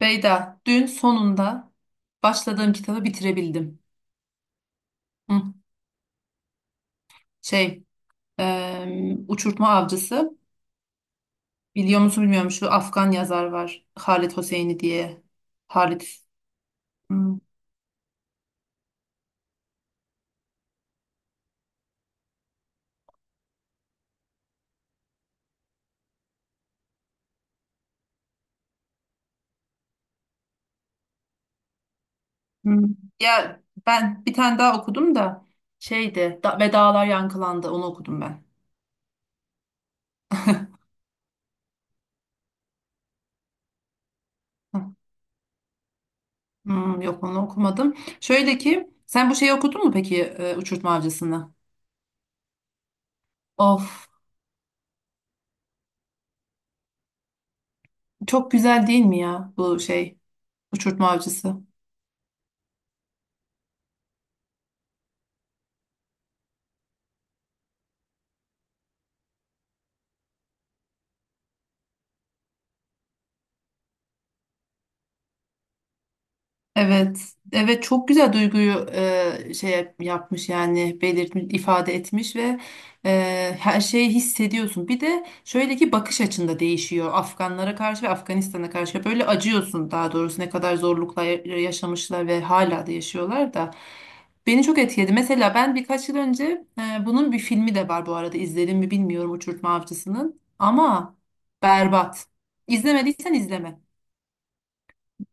Beyda, dün sonunda başladığım kitabı bitirebildim. Hı, şey, Uçurtma Avcısı. Biliyor musun bilmiyorum, şu Afgan yazar var. Halit Hosseini diye. Halit. Hı, hı. Ya ben bir tane daha okudum da Ve Dağlar Yankılandı, onu okudum ben. Hı, hı, yok onu okumadım. Şöyle ki sen bu şeyi okudun mu peki, Uçurtma Avcısı'nı? Of, çok güzel değil mi ya bu şey? Uçurtma Avcısı. Evet, evet, çok güzel duyguyu yapmış, yani belirtmiş, ifade etmiş ve her şeyi hissediyorsun. Bir de şöyle ki bakış açında değişiyor Afganlara karşı ve Afganistan'a karşı. Böyle acıyorsun, daha doğrusu ne kadar zorluklar yaşamışlar ve hala da yaşıyorlar da. Beni çok etkiledi. Mesela ben birkaç yıl önce bunun bir filmi de var, bu arada izledim mi bilmiyorum Uçurtma Avcısı'nın, ama berbat. İzlemediysen izleme.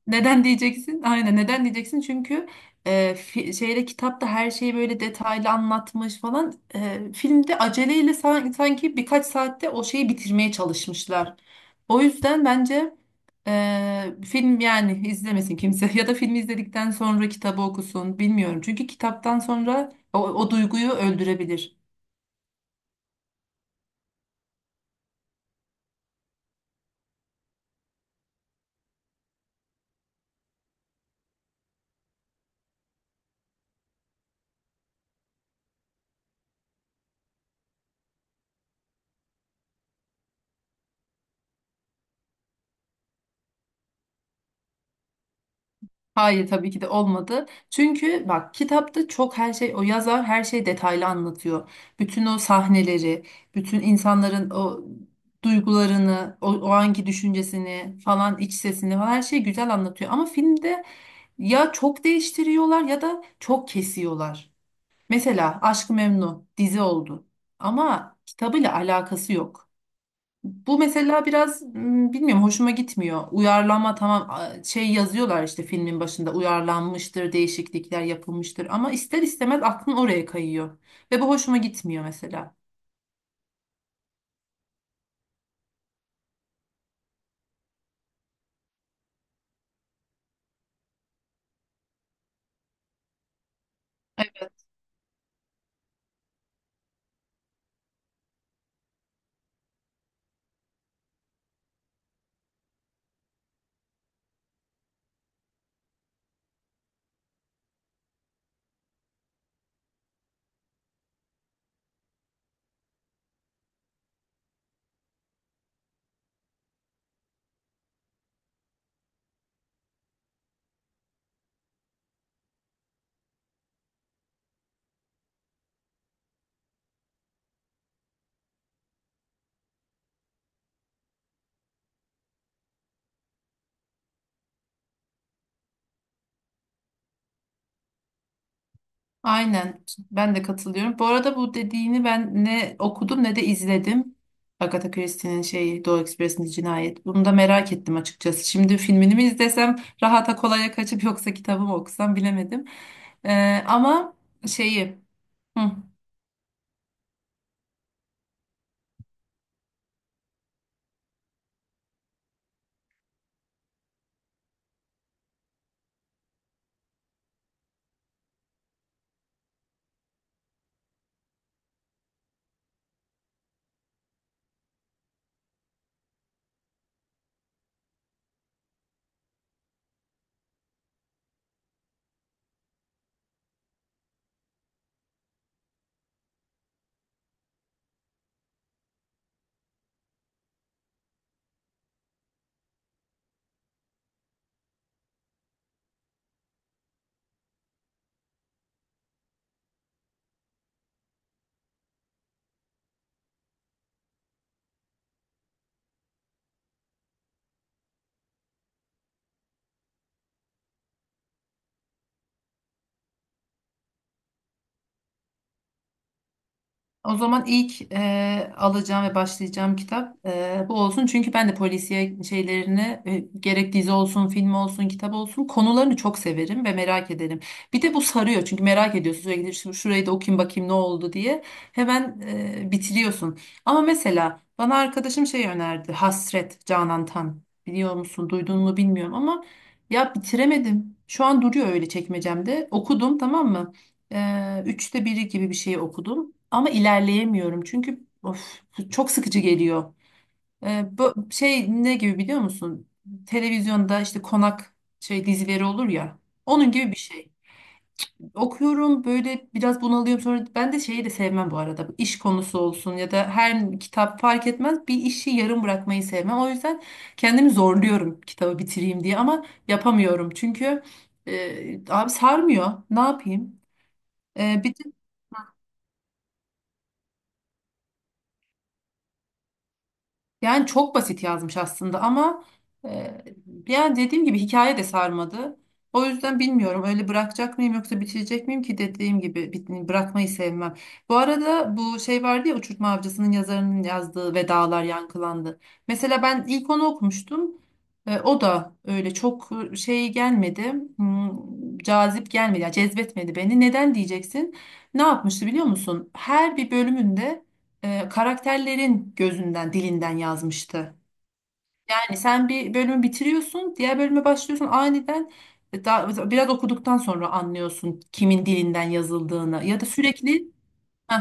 Neden diyeceksin? Aynen, neden diyeceksin? Çünkü şeyde, kitapta her şeyi böyle detaylı anlatmış falan. Filmde aceleyle sanki birkaç saatte o şeyi bitirmeye çalışmışlar. O yüzden bence film, yani izlemesin kimse ya da filmi izledikten sonra kitabı okusun, bilmiyorum. Çünkü kitaptan sonra o duyguyu öldürebilir. Hayır, tabii ki de olmadı. Çünkü bak, kitapta çok her şey, o yazar her şeyi detaylı anlatıyor. Bütün o sahneleri, bütün insanların o duygularını, o anki düşüncesini falan, iç sesini falan, her şeyi güzel anlatıyor. Ama filmde ya çok değiştiriyorlar ya da çok kesiyorlar. Mesela Aşk-ı Memnu dizi oldu ama kitabıyla alakası yok. Bu mesela biraz bilmiyorum, hoşuma gitmiyor. Uyarlama, tamam, şey yazıyorlar işte filmin başında, uyarlanmıştır, değişiklikler yapılmıştır, ama ister istemez aklın oraya kayıyor. Ve bu hoşuma gitmiyor mesela. Aynen, ben de katılıyorum. Bu arada bu dediğini ben ne okudum ne de izledim. Agatha Christie'nin şeyi, Doğu Ekspresi'nin cinayet. Bunu da merak ettim açıkçası. Şimdi filmini mi izlesem, rahata kolaya kaçıp, yoksa kitabımı okusam, bilemedim. Ama şeyi... Hı. O zaman ilk alacağım ve başlayacağım kitap bu olsun. Çünkü ben de polisiye şeylerini, gerek dizi olsun, film olsun, kitap olsun, konularını çok severim ve merak ederim. Bir de bu sarıyor çünkü merak ediyorsun sürekli. Şurayı da okuyayım bakayım ne oldu" diye. Hemen bitiriyorsun. Ama mesela bana arkadaşım şey önerdi. Hasret Canan Tan. Biliyor musun, duydun mu bilmiyorum, ama ya bitiremedim. Şu an duruyor öyle çekmecemde. Okudum, tamam mı? Üçte biri gibi bir şey okudum, ama ilerleyemiyorum çünkü of, çok sıkıcı geliyor. Bu şey ne gibi biliyor musun? Televizyonda işte konak şey dizileri olur ya. Onun gibi bir şey. Okuyorum böyle, biraz bunalıyorum, sonra ben de şeyi de sevmem bu arada. İş konusu olsun ya da her kitap fark etmez, bir işi yarım bırakmayı sevmem. O yüzden kendimi zorluyorum kitabı bitireyim diye, ama yapamıyorum. Çünkü abi sarmıyor. Ne yapayım? Bir de Yani çok basit yazmış aslında ama e, yani dediğim gibi hikaye de sarmadı. O yüzden bilmiyorum öyle bırakacak mıyım yoksa bitirecek miyim, ki dediğim gibi bırakmayı sevmem. Bu arada bu şey vardı ya, Uçurtma Avcısı'nın yazarının yazdığı, Ve Dağlar Yankılandı. Mesela ben ilk onu okumuştum. E, o da öyle çok şey gelmedi. Hmm, cazip gelmedi. Yani cezbetmedi beni. Neden diyeceksin? Ne yapmıştı biliyor musun? Her bir bölümünde karakterlerin gözünden, dilinden yazmıştı. Yani sen bir bölümü bitiriyorsun, diğer bölüme başlıyorsun, aniden biraz okuduktan sonra anlıyorsun kimin dilinden yazıldığını, ya da sürekli. Heh,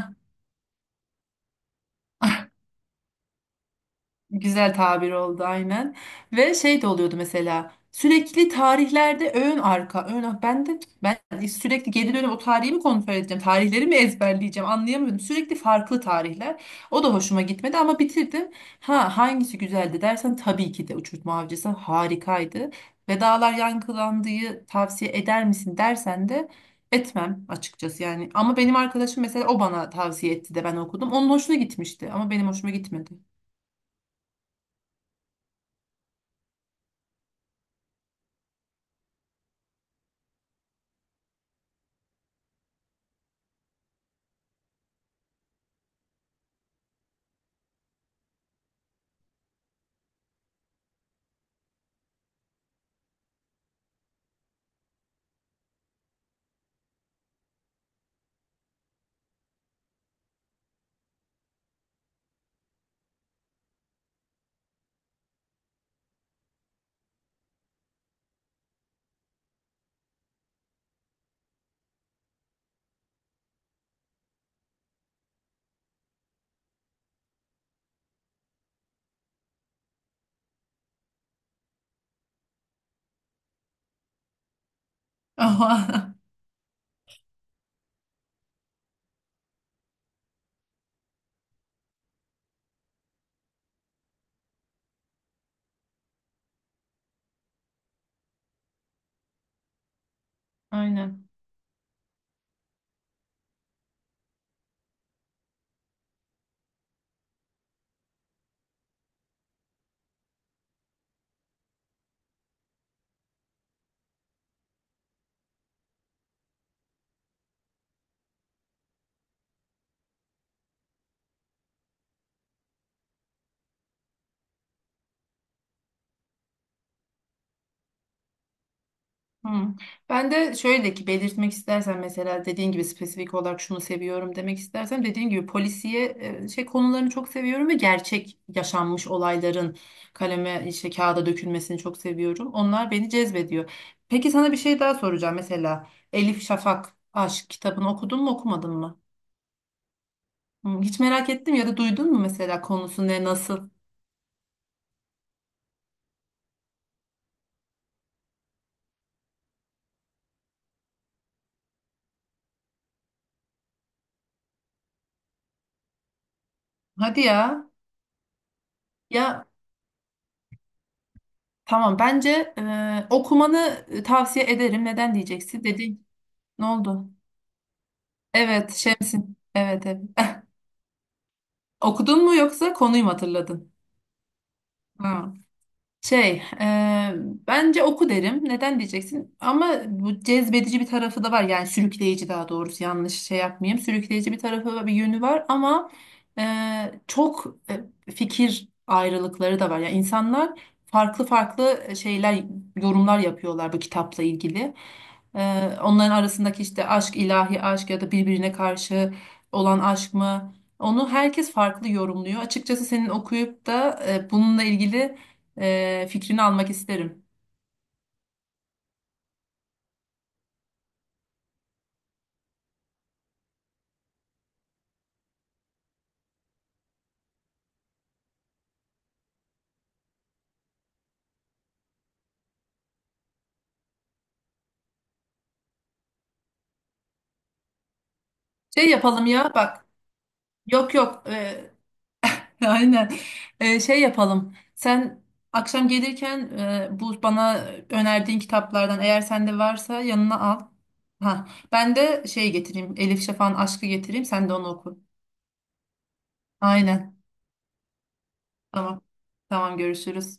güzel tabir oldu aynen. Ve şey de oluyordu mesela, sürekli tarihlerde ön arka ön ar- ben de ben sürekli geri dönüp o tarihi mi kontrol edeceğim, tarihleri mi ezberleyeceğim, anlayamıyordum, sürekli farklı tarihler. O da hoşuma gitmedi ama bitirdim. Ha, hangisi güzeldi dersen, tabii ki de Uçurtma Avcısı harikaydı. Ve Dağlar Yankılandı'yı tavsiye eder misin dersen de etmem açıkçası. Yani ama benim arkadaşım mesela, o bana tavsiye etti de ben okudum, onun hoşuna gitmişti ama benim hoşuma gitmedi. Aynen. Hı. Ben de şöyle ki, belirtmek istersen mesela dediğin gibi spesifik olarak şunu seviyorum demek istersen, dediğin gibi polisiye şey konularını çok seviyorum ve gerçek yaşanmış olayların kaleme, işte kağıda dökülmesini çok seviyorum. Onlar beni cezbediyor. Peki, sana bir şey daha soracağım. Mesela Elif Şafak Aşk kitabını okudun mu, okumadın mı? Hı, hiç merak ettim, ya da duydun mu mesela konusu ne, nasıl? Hadi ya. Ya, tamam, bence okumanı tavsiye ederim. Neden diyeceksin? Dedi. Ne oldu? Evet, Şemsin. Evet, evet. Okudun mu, yoksa konuyu mu hatırladın? Ha. Şey, e, Bence oku derim. Neden diyeceksin? Ama bu cezbedici bir tarafı da var. Yani sürükleyici, daha doğrusu yanlış şey yapmayayım, sürükleyici bir tarafı ve bir yönü var, ama e, çok fikir ayrılıkları da var. Yani insanlar farklı farklı şeyler, yorumlar yapıyorlar bu kitapla ilgili. E, Onların arasındaki işte aşk, ilahi aşk ya da birbirine karşı olan aşk mı? Onu herkes farklı yorumluyor. Açıkçası senin okuyup da bununla ilgili fikrini almak isterim. Şey yapalım ya, bak. Yok yok. Aynen. Şey yapalım. Sen akşam gelirken bu bana önerdiğin kitaplardan, eğer sende varsa, yanına al. Ha, ben de şey getireyim. Elif Şafak'ın Aşk'ı getireyim. Sen de onu oku. Aynen. Tamam. Tamam, görüşürüz.